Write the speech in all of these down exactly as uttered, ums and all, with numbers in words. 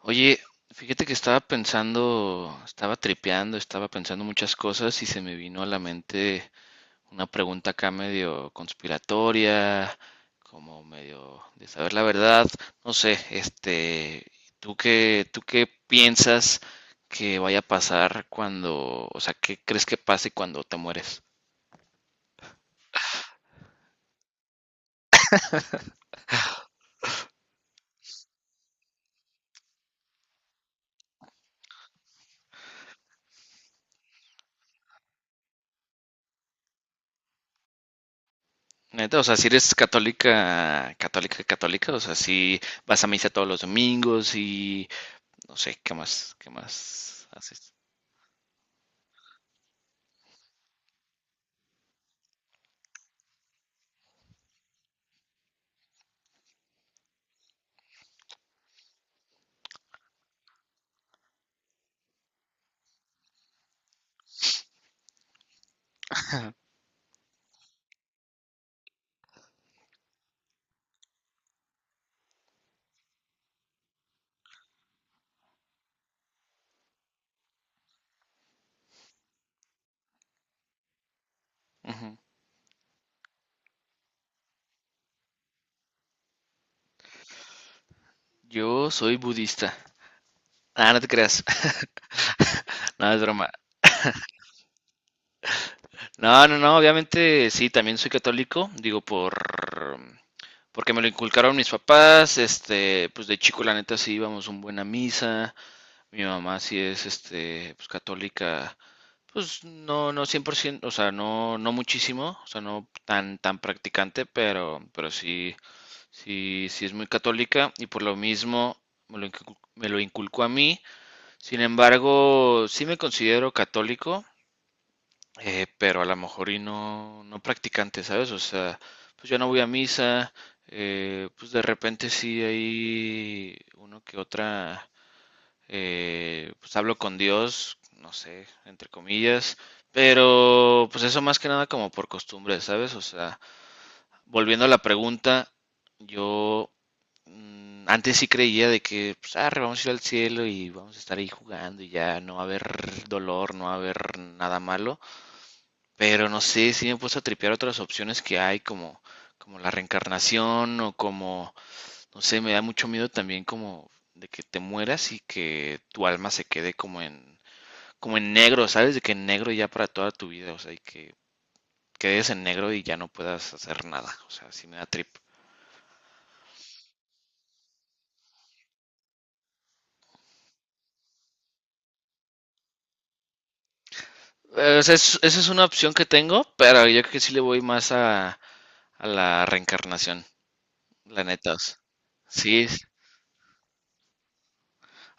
Oye, fíjate que estaba pensando, estaba tripeando, estaba pensando muchas cosas y se me vino a la mente una pregunta acá medio conspiratoria, como medio de saber la verdad, no sé, este, ¿tú qué, tú qué piensas que vaya a pasar cuando, o sea, qué crees que pase cuando te mueres? Neta, o sea, si eres católica, católica, católica, o sea, si vas a misa todos los domingos y no sé, ¿qué más, qué más haces? Ujú. Yo soy budista. Ah, no te creas. No, es broma. No, no, no, obviamente sí, también soy católico, digo, por... Porque me lo inculcaron mis papás, este, pues de chico la neta sí íbamos un buen a misa, mi mamá sí es, este, pues católica, pues no, no cien por ciento. O sea, no, no muchísimo, o sea, no tan, tan practicante, pero, pero sí, sí, sí es muy católica y por lo mismo me lo inculcó me lo inculcó a mí. Sin embargo, sí me considero católico, eh, pero a lo mejor y no, no practicante, ¿sabes? O sea, pues yo no voy a misa, eh, pues de repente sí hay uno que otra, eh, pues hablo con Dios, no sé, entre comillas, pero pues eso más que nada como por costumbre, ¿sabes? O sea, volviendo a la pregunta, yo mm, antes sí creía de que, pues, arre, vamos a ir al cielo y vamos a estar ahí jugando y ya no va a haber dolor, no va a haber nada malo. Pero no sé, sí me he puesto a tripear otras opciones que hay, como, como la reencarnación o como, no sé, me da mucho miedo también como de que te mueras y que tu alma se quede como en, como en negro, ¿sabes? De que en negro ya para toda tu vida, o sea, y que quedes en negro y ya no puedas hacer nada, o sea, sí me da trip. Eh, o es- esa es una opción que tengo, pero yo creo que sí le voy más a, a, la reencarnación, la neta. O sea. Sí, es-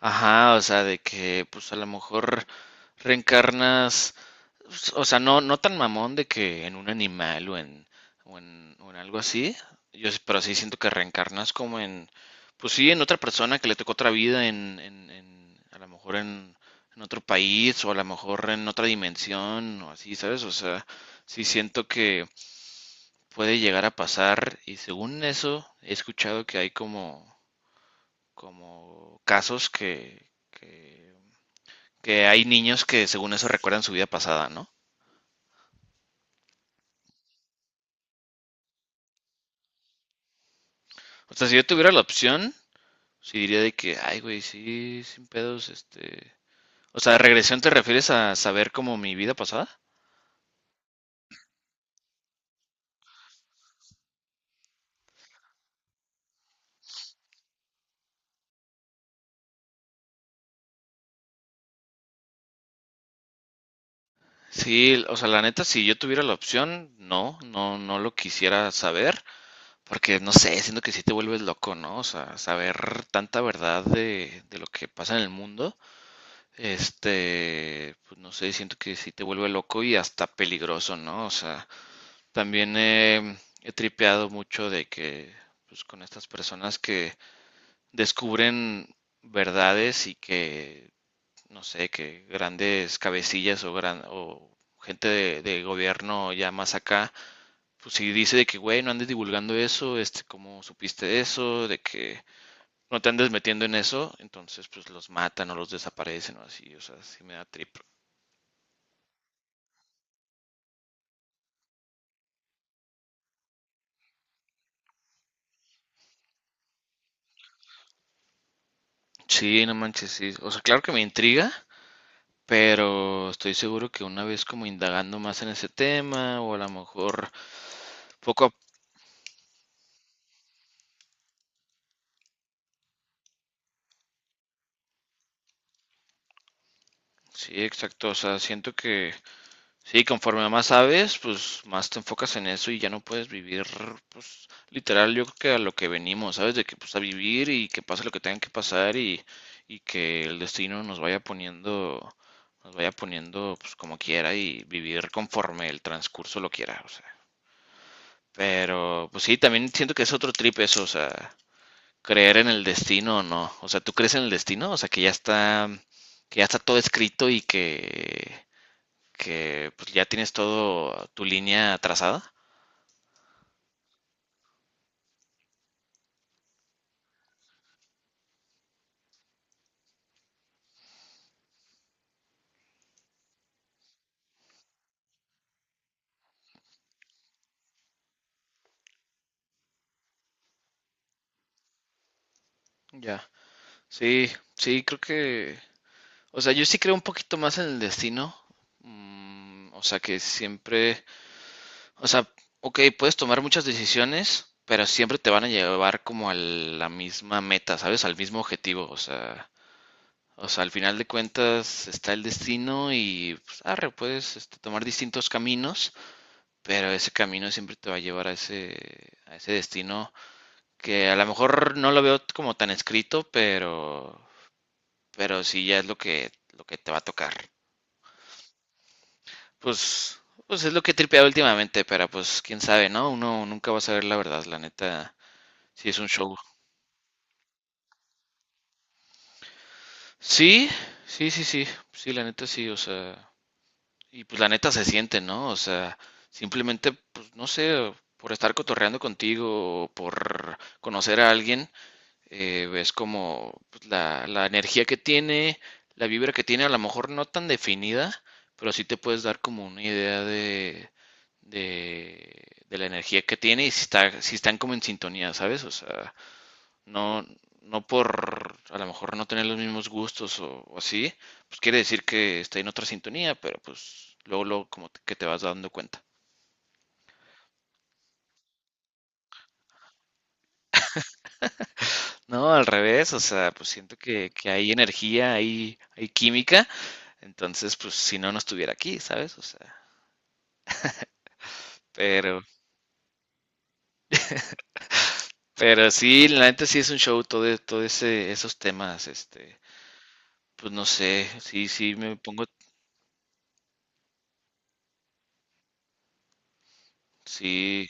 ajá, o sea, de que pues a lo mejor reencarnas, s- o sea, no, no tan mamón de que en un animal o en, o en, o en, algo así, yo, sí- pero sí siento que reencarnas como en, pues sí, en otra persona que le tocó otra vida, en, en, en- a lo mejor en, en otro país o a lo mejor en otra dimensión o así, ¿sabes? O sea, sí siento que puede llegar a pasar y según eso he escuchado que hay como, como casos que, que, que hay niños que según eso recuerdan su vida pasada, ¿no? O sea, si yo tuviera la opción, sí diría de que, ay, güey, sí, sin pedos, este... ¿O sea, regresión te refieres a saber como mi vida pasada? Sí, o sea, la neta, si yo tuviera la opción, no, no, no lo quisiera saber, porque no sé, siento que sí te vuelves loco, ¿no? O sea, saber tanta verdad de, de lo que pasa en el mundo. Este, pues no sé, siento que sí te vuelve loco y hasta peligroso, ¿no? O sea, también eh, he tripeado mucho de que, pues con estas personas que descubren verdades y que, no sé, que grandes cabecillas o, gran, o gente de, de gobierno ya más acá, pues si dice de que, güey, no andes divulgando eso, este, ¿cómo supiste eso? De que no te andes metiendo en eso, entonces pues los matan o los desaparecen o así, o sea, sí me da trip. Sí, no manches, sí. O sea, claro que me intriga, pero estoy seguro que una vez como indagando más en ese tema, o a lo mejor poco a... Sí, exacto. O sea, siento que sí, conforme más sabes, pues más te enfocas en eso y ya no puedes vivir, pues literal, yo creo que a lo que venimos, ¿sabes? De que pues a vivir y que pase lo que tenga que pasar y, y que el destino nos vaya poniendo, nos vaya poniendo pues como quiera y vivir conforme el transcurso lo quiera, o sea. Pero, pues sí, también siento que es otro trip eso, o sea, creer en el destino o no. O sea, ¿tú crees en el destino? O sea, que ya está, que ya está todo escrito y que, que pues ya tienes todo tu línea trazada. Ya, sí, sí, creo que, o sea, yo sí creo un poquito más en el destino. Mm, o sea, que siempre, o sea, OK, puedes tomar muchas decisiones, pero siempre te van a llevar como a la misma meta, ¿sabes? Al mismo objetivo, o sea. O sea, al final de cuentas está el destino y pues, arre, puedes este, tomar distintos caminos, pero ese camino siempre te va a llevar a ese, a ese, destino que a lo mejor no lo veo como tan escrito, pero, pero sí ya es lo que, lo que te va a tocar. Pues, pues es lo que he tripeado últimamente, pero pues quién sabe, ¿no? Uno nunca va a saber la verdad, la neta, sí es un show. Sí, sí, sí, sí, sí, la neta sí, o sea, y pues la neta se siente, ¿no? O sea, simplemente, pues no sé, por estar cotorreando contigo o por conocer a alguien, eh, ves como pues, la, la energía que tiene, la vibra que tiene, a lo mejor no tan definida, pero sí te puedes dar como una idea de, de, de la energía que tiene y si está, si están como en sintonía, ¿sabes? O sea, no, no por a lo mejor no tener los mismos gustos o, o así, pues quiere decir que está en otra sintonía, pero pues luego, luego como te- que te vas dando cuenta. No, al revés, o sea, pues siento que, que hay energía, hay, hay química, entonces pues si no, no estuviera aquí, ¿sabes? O sea, pero, pero sí, la neta sí es un show, todo, e- todo ese, esos temas, este, pues no sé, sí, sí me pongo, sí.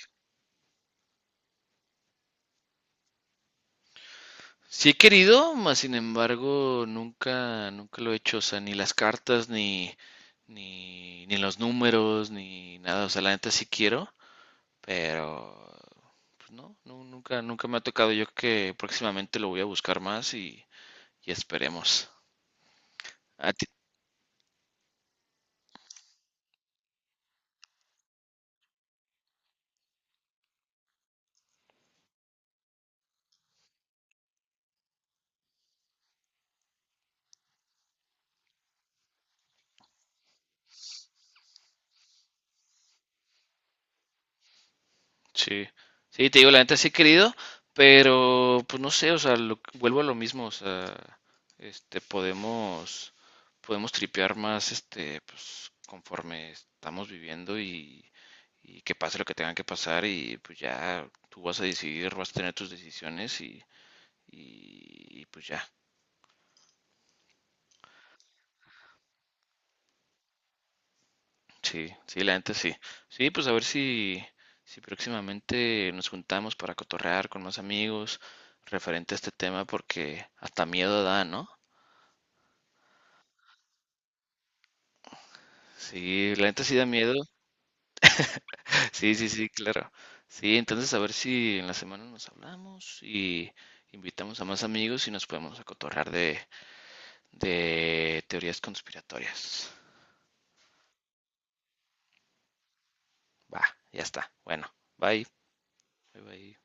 Sí he querido, mas sin embargo, nunca, nunca lo he hecho. O sea, ni las cartas, ni, ni, ni los números, ni nada. O sea, la neta sí quiero, pero pues no, no, nunca, nunca me ha tocado. Yo creo que próximamente lo voy a buscar más y, y esperemos. Sí, sí, te digo, la neta sí he querido, pero pues no sé, o sea, lo- vuelvo a lo mismo, o sea, este, podemos, podemos tripear más, este, pues conforme estamos viviendo y, y que pase lo que tenga que pasar y pues ya tú vas a decidir, vas a tener tus decisiones y, y, y pues ya. Sí, sí, la gente sí. Sí, pues a ver si, si, próximamente nos juntamos para cotorrear con más amigos referente a este tema, porque hasta miedo da, ¿no? Sí, la gente sí da miedo. Sí, sí, sí, claro. Sí, entonces a ver si en la semana nos hablamos y invitamos a más amigos y nos podemos a cotorrear de, de, teorías conspiratorias. Va, ya está. Bueno, bye. Bye, bye.